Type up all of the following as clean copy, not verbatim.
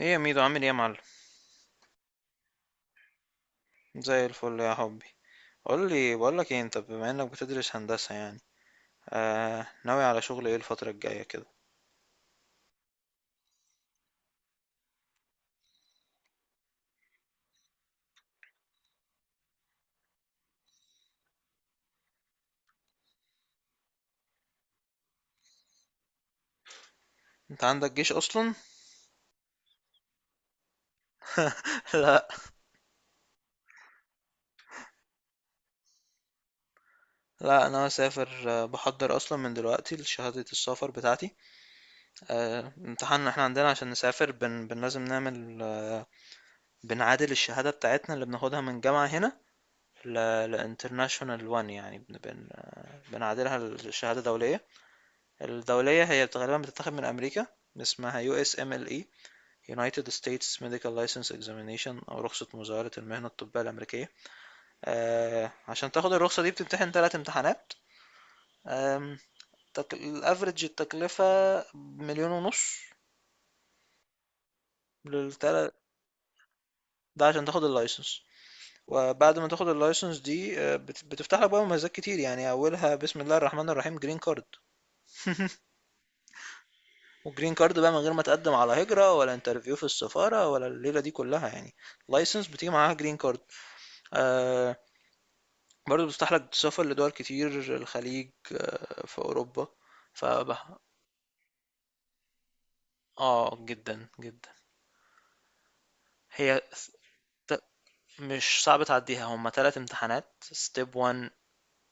ايه يا ميدو، عامل ايه يا معلم؟ زي الفل يا حبي. قول لي، بقول لك ايه، انت بما انك بتدرس هندسة يعني ناوي على شغل ايه الفترة الجاية كده؟ انت عندك جيش اصلا؟ لا. لا انا مسافر، بحضر اصلا من دلوقتي لشهادة السفر بتاعتي. امتحان احنا عندنا عشان نسافر بن, بن لازم نعمل، بنعادل الشهادة بتاعتنا اللي بناخدها من جامعة هنا لانترناشونال، وان يعني بنعادلها لشهادة دولية. الدولية هي غالبا بتتاخد من امريكا، اسمها يو اس ام ال اي، United States Medical License Examination، أو رخصة مزاولة المهنة الطبية الأمريكية. آه، عشان تاخد الرخصة دي بتمتحن تلات امتحانات. آم، الأفريج التكلفة مليون ونص للتلات. ده عشان تاخد اللايسنس. وبعد ما تاخد اللايسنس دي بتفتح لك بقى مميزات كتير، يعني أولها بسم الله الرحمن الرحيم جرين كارد. والجرين كارد بقى من غير ما تقدم على هجرة ولا انترفيو في السفارة ولا الليلة دي كلها يعني. لايسنس بتيجي معاها جرين كارد. آه. برضه بيفتح لك سفر لدول كتير: الخليج، في أوروبا. ف اه، جدا جدا. هي س- ت- مش صعب تعديها، هما تلات امتحانات: ستيب 1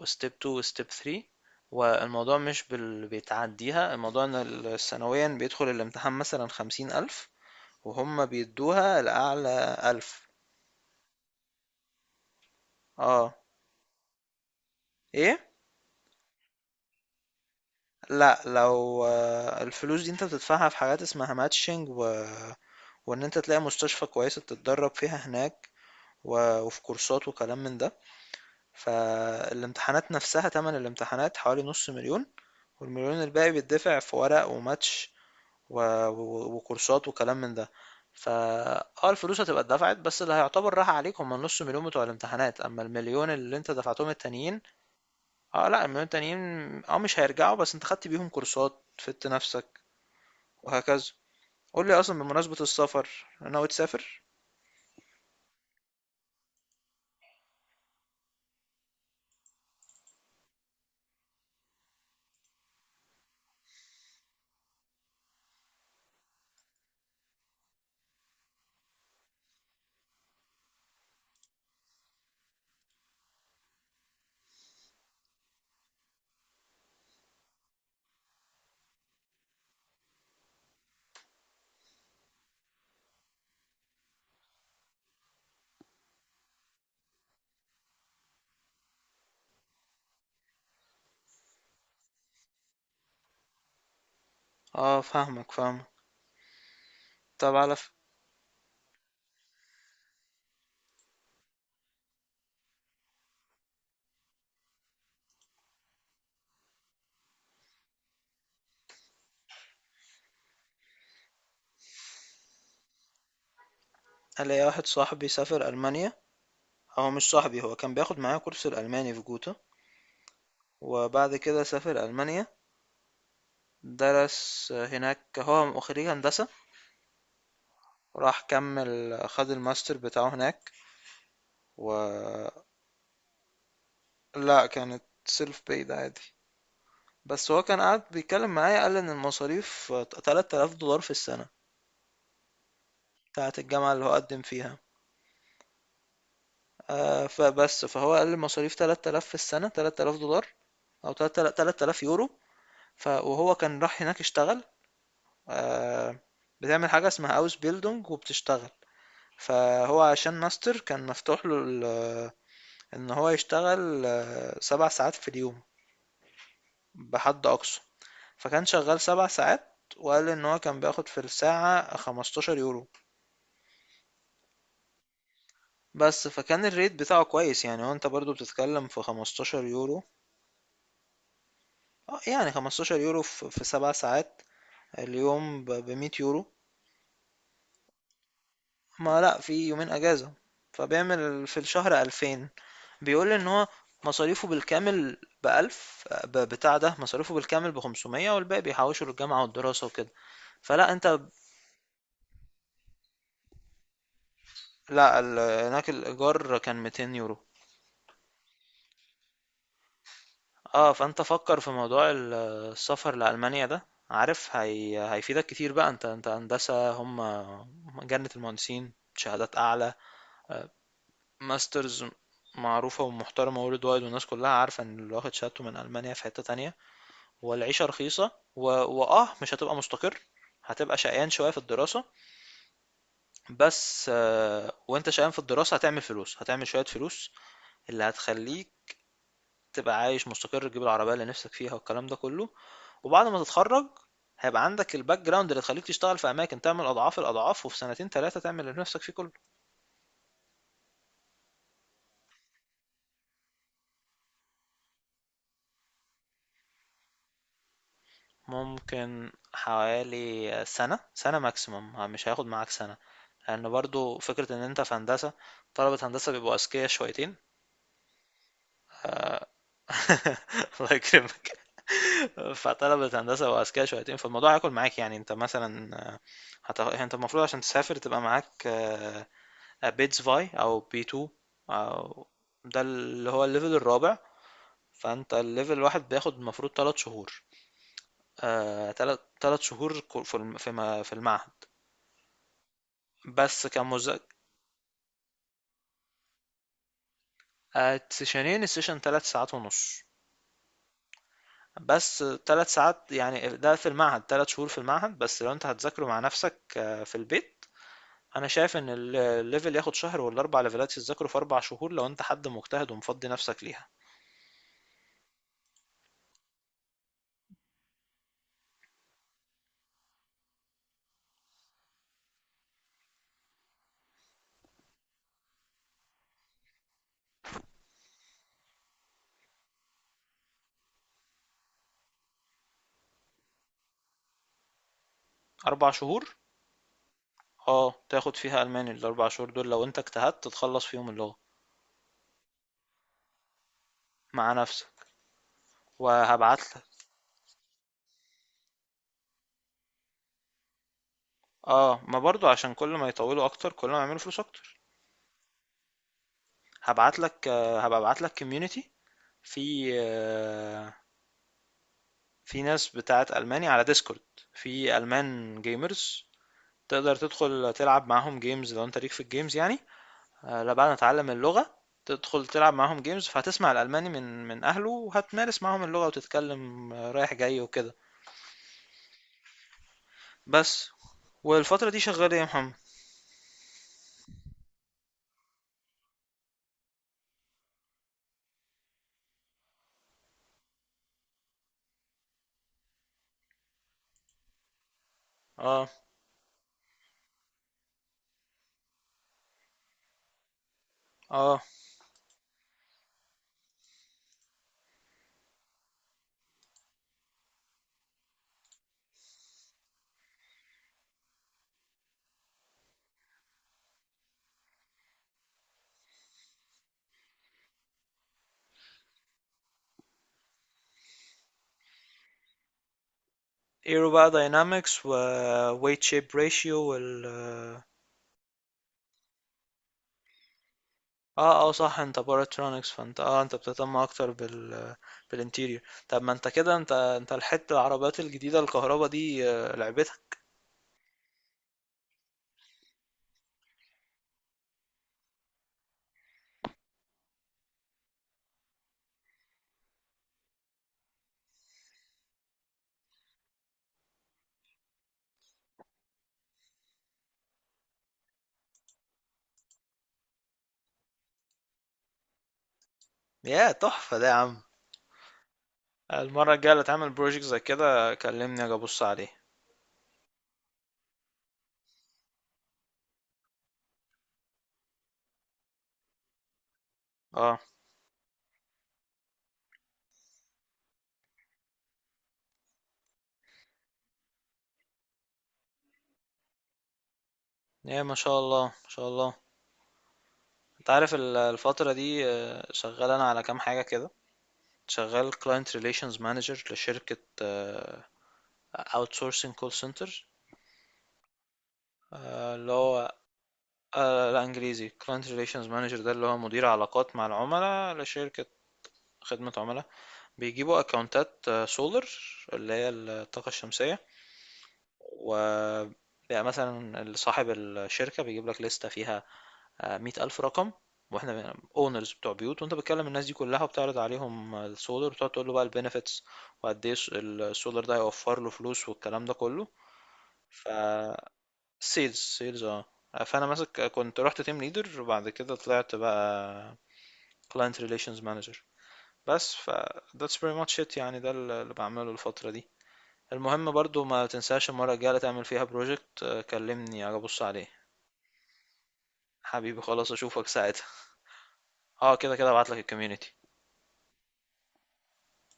وستيب 2 وستيب 3. والموضوع مش بيتعديها. الموضوع ان سنويا بيدخل الامتحان مثلا خمسين ألف، وهم بيدوها الأعلى ألف. اه. ايه. لا، لو الفلوس دي انت بتدفعها في حاجات اسمها ماتشنج، وان انت تلاقي مستشفى كويسة تتدرب فيها هناك، وفي كورسات وكلام من ده. فالامتحانات نفسها تمن الامتحانات حوالي نص مليون، والمليون الباقي بيدفع في ورق وماتش و... وكورسات وكلام من ده. فا اه الفلوس هتبقى اتدفعت، بس اللي هيعتبر راح عليك هما النص مليون بتوع الامتحانات، اما المليون اللي انت دفعتهم التانيين، اه، لا المليون التانيين اه مش هيرجعوا، بس انت خدت بيهم كورسات، فدت نفسك، وهكذا. قول لي اصلا، بمناسبة السفر، ناوي تسافر؟ اه فاهمك فاهمك. طب على الاقي واحد صاحبي سافر المانيا. هو مش صاحبي، هو كان بياخد معايا كورس الالماني في جوتا، وبعد كده سافر المانيا، درس هناك، هو خريج هندسة، راح كمل خد الماستر بتاعه هناك. و لا، كانت سيلف بايد عادي. بس هو كان قاعد بيتكلم معايا، قال ان المصاريف 3000 دولار في السنة، بتاعة الجامعة اللي هو قدم فيها. فبس فهو قال المصاريف 3000 في السنة، 3000 دولار او 3000 يورو. وهو كان راح هناك اشتغل. آه، بتعمل حاجة اسمها اوس بيلدونج وبتشتغل. فهو عشان ماستر كان مفتوح له ان هو يشتغل سبع ساعات في اليوم بحد اقصى. فكان شغال سبع ساعات، وقال ان هو كان بياخد في الساعة 15 يورو. بس فكان الريت بتاعه كويس، يعني هو انت برضو بتتكلم في 15 يورو. آه، يعني 15 يورو في سبع ساعات، اليوم ب 100 يورو. ما لا، في يومين اجازة، فبيعمل في الشهر 2000. بيقول لي ان هو مصاريفه بالكامل بألف، بتاع ده مصاريفه بالكامل بخمسمية، والباقي بيحوشه للجامعة والدراسة وكده. فلا انت. لا هناك الإيجار كان 200 يورو. اه، فانت فكر في موضوع السفر لألمانيا ده، عارف هيفيدك كتير بقى. انت هندسة، هم جنة المهندسين، شهادات أعلى، آه، ماسترز معروفة ومحترمة worldwide، والناس كلها عارفة ان اللي واخد شهادته من ألمانيا في حتة تانية. والعيشة رخيصة، وآه مش هتبقى مستقر، هتبقى شقيان شوية في الدراسة، بس وانت شقيان في الدراسة هتعمل فلوس، هتعمل شوية فلوس اللي هتخليك تبقى عايش مستقر، تجيب العربية اللي نفسك فيها والكلام ده كله. وبعد ما تتخرج هيبقى عندك الباك جراوند اللي تخليك تشتغل في أماكن تعمل أضعاف الأضعاف، وفي سنتين تلاتة تعمل اللي نفسك فيه كله. ممكن حوالي سنة سنة ماكسيموم، مش هياخد معاك سنة، لأن يعني برضو فكرة إن أنت في هندسة، طلبة هندسة بيبقوا أذكياء شويتين. الله يكرمك. فطلبة هندسة وأذكياء شويتين، فالموضوع هياكل معاك. يعني أنت مثلًا، أنت المفروض عشان تسافر تبقى معاك بيتس فاي أو B2، أو ده اللي هو الليفل الرابع. فأنت الليفل الواحد بياخد المفروض تلات شهور. تلات شهور في ما- في المعهد، بس كمذاكرة. سيشنين، السيشن تلات ساعات ونص. بس تلات ساعات يعني، ده في المعهد، تلات شهور في المعهد. بس لو انت هتذاكره مع نفسك في البيت، انا شايف ان الليفل ياخد شهر، ولا اربع ليفلات تذاكره في اربع شهور لو انت حد مجتهد ومفضي نفسك ليها. اربع شهور؟ اه، تاخد فيها الماني الاربع شهور دول لو انت اجتهدت تتخلص فيهم اللغة. مع نفسك. وهبعت لك. اه، ما برضو عشان كل ما يطولوا اكتر كل ما يعملوا فلوس اكتر. هبعت لك، هبقى ابعت لك كوميونتي في في ناس بتاعت الماني على ديسكورد، في المان جيمرز، تقدر تدخل تلعب معاهم جيمز لو انت ليك في الجيمز يعني. لا، بعد ما تتعلم اللغة تدخل تلعب معاهم جيمز، فهتسمع الألماني من أهله، وهتمارس معاهم اللغة وتتكلم، رايح جاي وكده. بس. والفترة دي شغال ايه يا محمد؟ اه. اه، ايرو بقى داينامكس ويت شيب ريشيو وال اه اه. صح، انت باراترونكس، فانت انت بتهتم اكتر بالانتيريور. طب ما انت كده، انت لحقت العربيات الجديدة الكهرباء دي، لعبتها. يا تحفة ده يا عم! المرة الجاية اللي تعمل بروجكت زي كده كلمني اجي ابص عليه. اه. ايه، ما شاء الله، ما شاء الله. انت عارف الفترة دي شغال انا على كام حاجة كده. شغال client relations manager لشركة آه، outsourcing call center. آه، اللي هو آه، لا، انجليزي. client relations manager ده اللي هو مدير علاقات مع العملاء لشركة خدمة عملاء. بيجيبوا اكونتات سولر، اللي هي الطاقة الشمسية. و بيبقى مثلا صاحب الشركة بيجيب لك لستة فيها مية ألف رقم، واحنا اونرز بتوع بيوت، وانت بتكلم الناس دي كلها وبتعرض عليهم السولار، وتقعد تقول له بقى البنفيتس، وقد ايه السولار ده هيوفر له فلوس والكلام ده كله. ف سيلز، سيلز اه. فانا ماسك، كنت رحت تيم ليدر وبعد كده طلعت بقى كلاينت ريليشنز مانجر. بس ف that's pretty much it يعني. ده اللي بعمله الفترة دي. المهم برضو ما تنساش المرة الجاية اللي تعمل فيها بروجكت كلمني أبص عليه. حبيبي خلاص، اشوفك ساعتها. اه كده كده ابعتلك الكوميونتي